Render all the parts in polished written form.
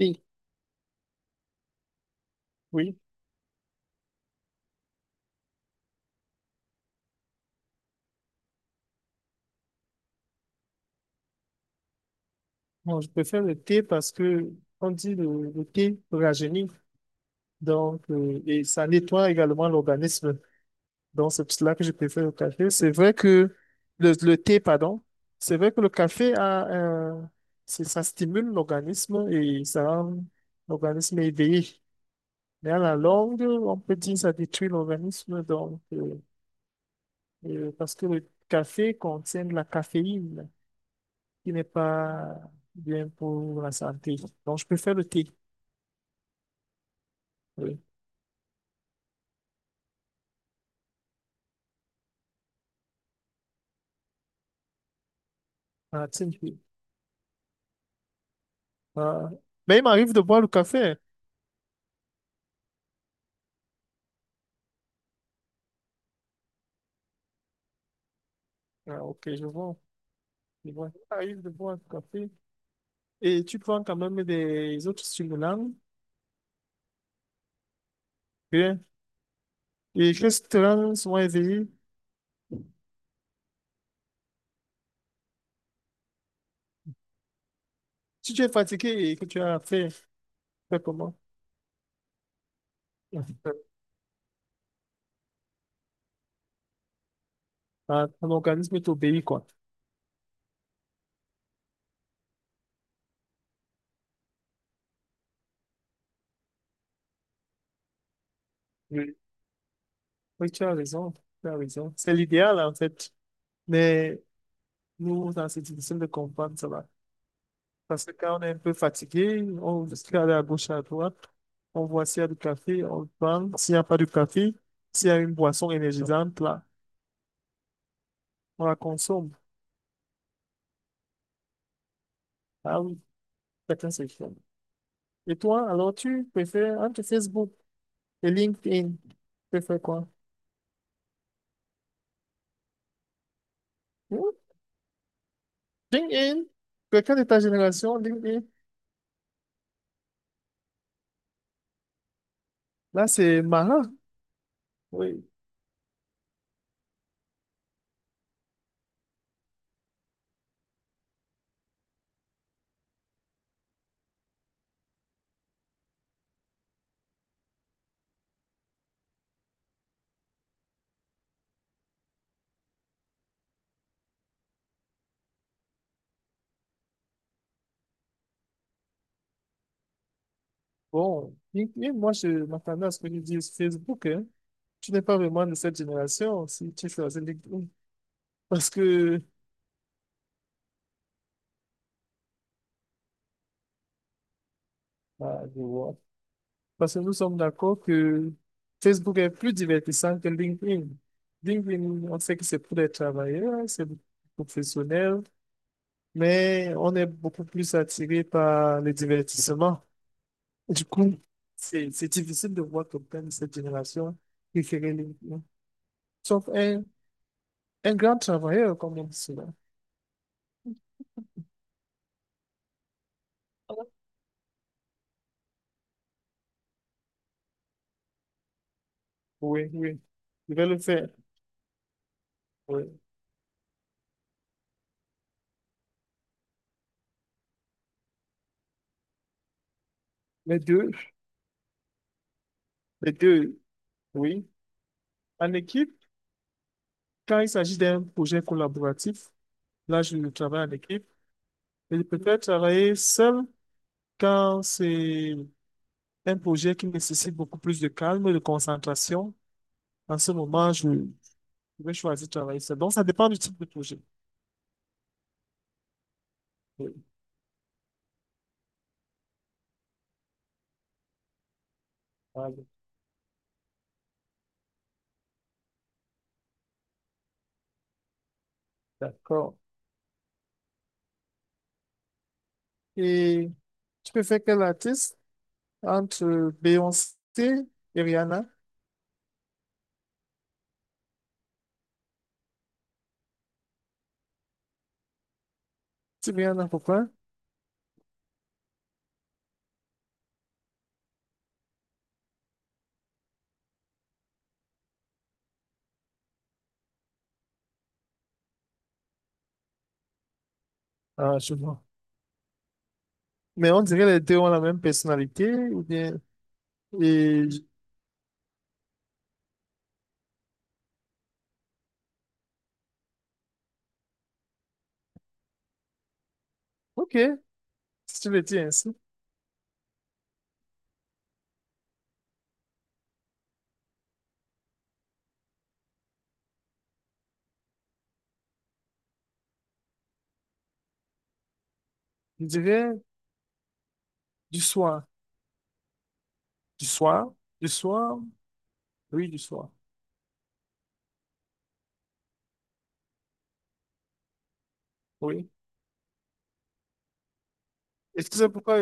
Oui, oui. Moi, je préfère le thé parce que on dit le thé rajeunit, et ça nettoie également l'organisme. Donc c'est pour cela que je préfère le café. C'est vrai que le thé, pardon, c'est vrai que le café a un- ça stimule l'organisme et ça rend l'organisme éveillé. Mais à la longue, on peut dire que ça détruit l'organisme parce que le café contient de la caféine, qui n'est pas bien pour la santé. Donc, je préfère le thé. Oui. Ah, tiens, oui. Ah, mais il m'arrive de boire le café. Ah, ok, je vois. Je vois. Il m'arrive de boire le café et tu prends quand même des autres stimulants bien, et que ce te rend souvent éveillé. Si tu es fatigué et que tu fais comment? Ah, ton organisme t'obéit, quoi. Oui. Oui, tu as raison. Tu as raison. C'est l'idéal, en fait. Mais nous, dans cette édition de comprendre, ça va. Parce que quand on est un peu fatigué, on se aller à gauche, à droite, on voit s'il y a du café, on le prend. S'il n'y a pas de café, s'il y a une boisson énergisante, là, on la consomme. Ah oui, chacun ses choix. Et toi, alors tu préfères entre Facebook et LinkedIn, tu préfères quoi? Hmm? LinkedIn? Quelqu'un de ta génération, LinkedIn? Là, c'est marrant. Oui. Bon, LinkedIn, moi, je m'attendais à ce que tu dises Facebook, hein. Tu n'es pas vraiment de cette génération si tu choisis LinkedIn. Parce que ah, je vois. Parce que nous sommes d'accord que Facebook est plus divertissant que LinkedIn. LinkedIn, on sait que c'est pour les travailleurs, hein, c'est pour les professionnels, mais on est beaucoup plus attiré par le divertissement. Du coup, c'est difficile de voir quelqu'un de cette génération préférer LinkedIn. Sauf un grand travailleur, comme on dit cela. Oui, oui, je vais le faire. Oui. Les deux, les deux, oui. En équipe, quand il s'agit d'un projet collaboratif, là, je ne travaille en équipe. Et je préfère travailler seul quand c'est un projet qui nécessite beaucoup plus de calme et de concentration. En ce moment, je vais choisir de travailler seul. Donc, ça dépend du type de projet. Oui, voilà. D'accord. Et tu préfères quel artiste entre Beyoncé et Rihanna? C'est bien, non, pourquoi? Ah, je vois. Mais on dirait les deux ont la même personnalité, ou bien... Et... Ok, si tu le dis ainsi. Je dirais du soir. Du soir? Du soir? Oui, du soir. Oui. Est-ce que c'est pourquoi...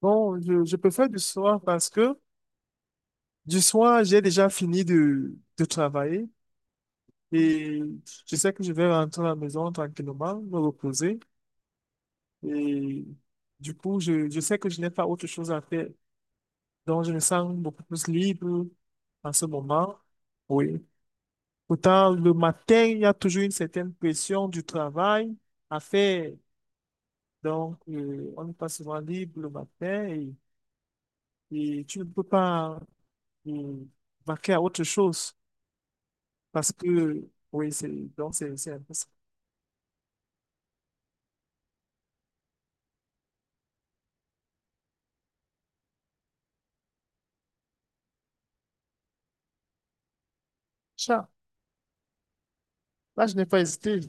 Bon, je préfère du soir parce que du soir, j'ai déjà fini de travailler. Et je sais que je vais rentrer à la maison tranquillement, me reposer. Et du coup, je sais que je n'ai pas autre chose à faire. Donc, je me sens beaucoup plus libre en ce moment. Oui. Pourtant, le matin, il y a toujours une certaine pression du travail à faire. Donc, on n'est pas souvent libre le matin et tu ne peux pas euh, vaquer à autre chose parce que, donc c'est un peu ça. Tiens, là, je n'ai pas hésité.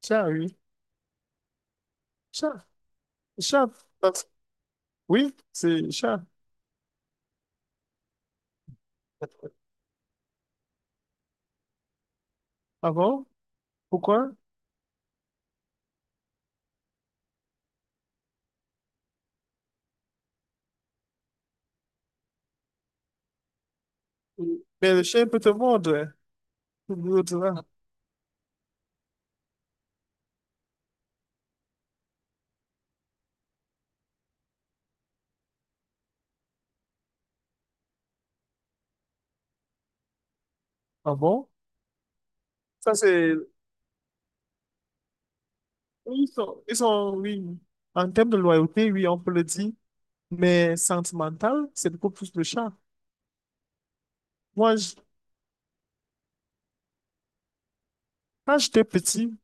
Tiens, oui. Chat, chat. Euh, Oui, c'est chat. Ah bon? Pourquoi? Oui. Mais le chien peut te mordre. Tout l'autre là. Ah bon? Ça, c'est. Ils sont, oui. En termes de loyauté, oui, on peut le dire. Mais sentimental, c'est beaucoup plus le chat. Moi, je- quand j'étais petit,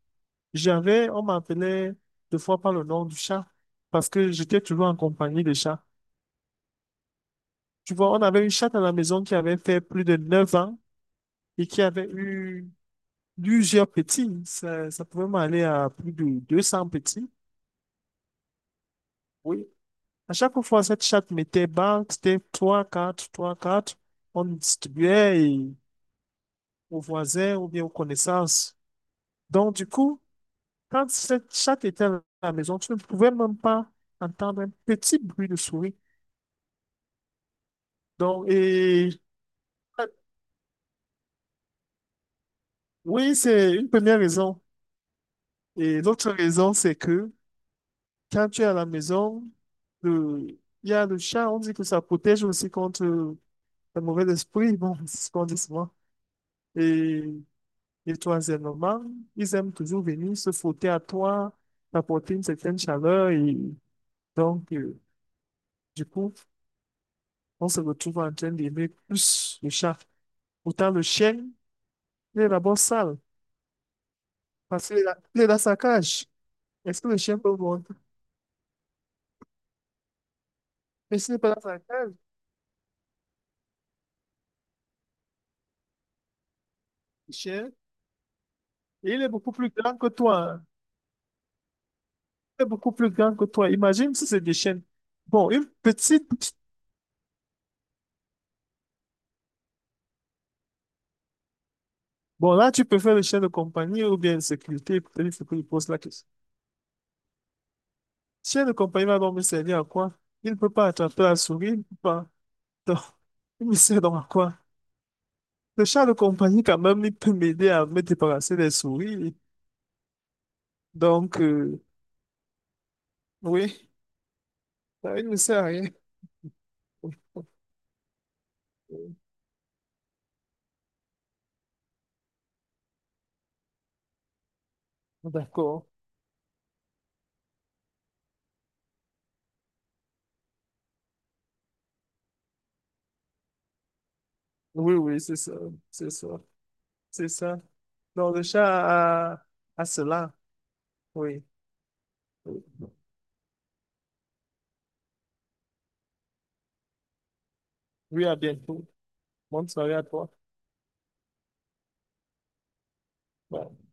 j'avais, on m'appelait deux fois par le nom du chat. Parce que j'étais toujours en compagnie des chats. Tu vois, on avait une chatte à la maison qui avait fait plus de 9 ans et qui avait eu plusieurs petits. Ça pouvait m'aller à plus de 200 petits. Oui. À chaque fois, cette chatte mettait banque, c'était 3, 4, 3, 4. On distribuait et aux voisins ou bien aux connaissances. Donc, du coup, quand cette chatte était à la maison, tu ne pouvais même pas entendre un petit bruit de souris. Donc, et oui, c'est une première raison. Et l'autre raison, c'est que quand tu es à la maison, le- il y a le chat, on dit que ça protège aussi contre le mauvais esprit, bon, c'est ce qu'on dit souvent. Et, et troisièmement, ils aiment toujours venir se frotter à toi, t'apporter une certaine chaleur. Et donc, du coup, on se retrouve en train d'aimer plus le chat. Pourtant, le chien, il est d'abord sale, parce qu'il est, il est dans sa cage. Est-ce que le chien peut monter? Mais s'il n'est pas dans sa cage, le chien, et il est beaucoup plus grand que toi, hein. Il est beaucoup plus grand que toi. Imagine si c'est des chiens. Bon, une petite. Bon, là, tu peux faire le chien de compagnie ou bien de sécurité. Peut-être il faut que je pose la question. Chien de compagnie va donc me servir à quoi? Il ne peut pas. Donc, il me sert donc à quoi? Le chat de compagnie, quand même, il peut m'aider à me débarrasser des souris. Donc, oui, ça, il ne me sert à rien. D'accord. Oui, oui, c'est ça. C'est ça. C'est ça. Donc, le chat a, a cela. Oui. Oui, à bientôt. Bonne soirée à toi. Bye.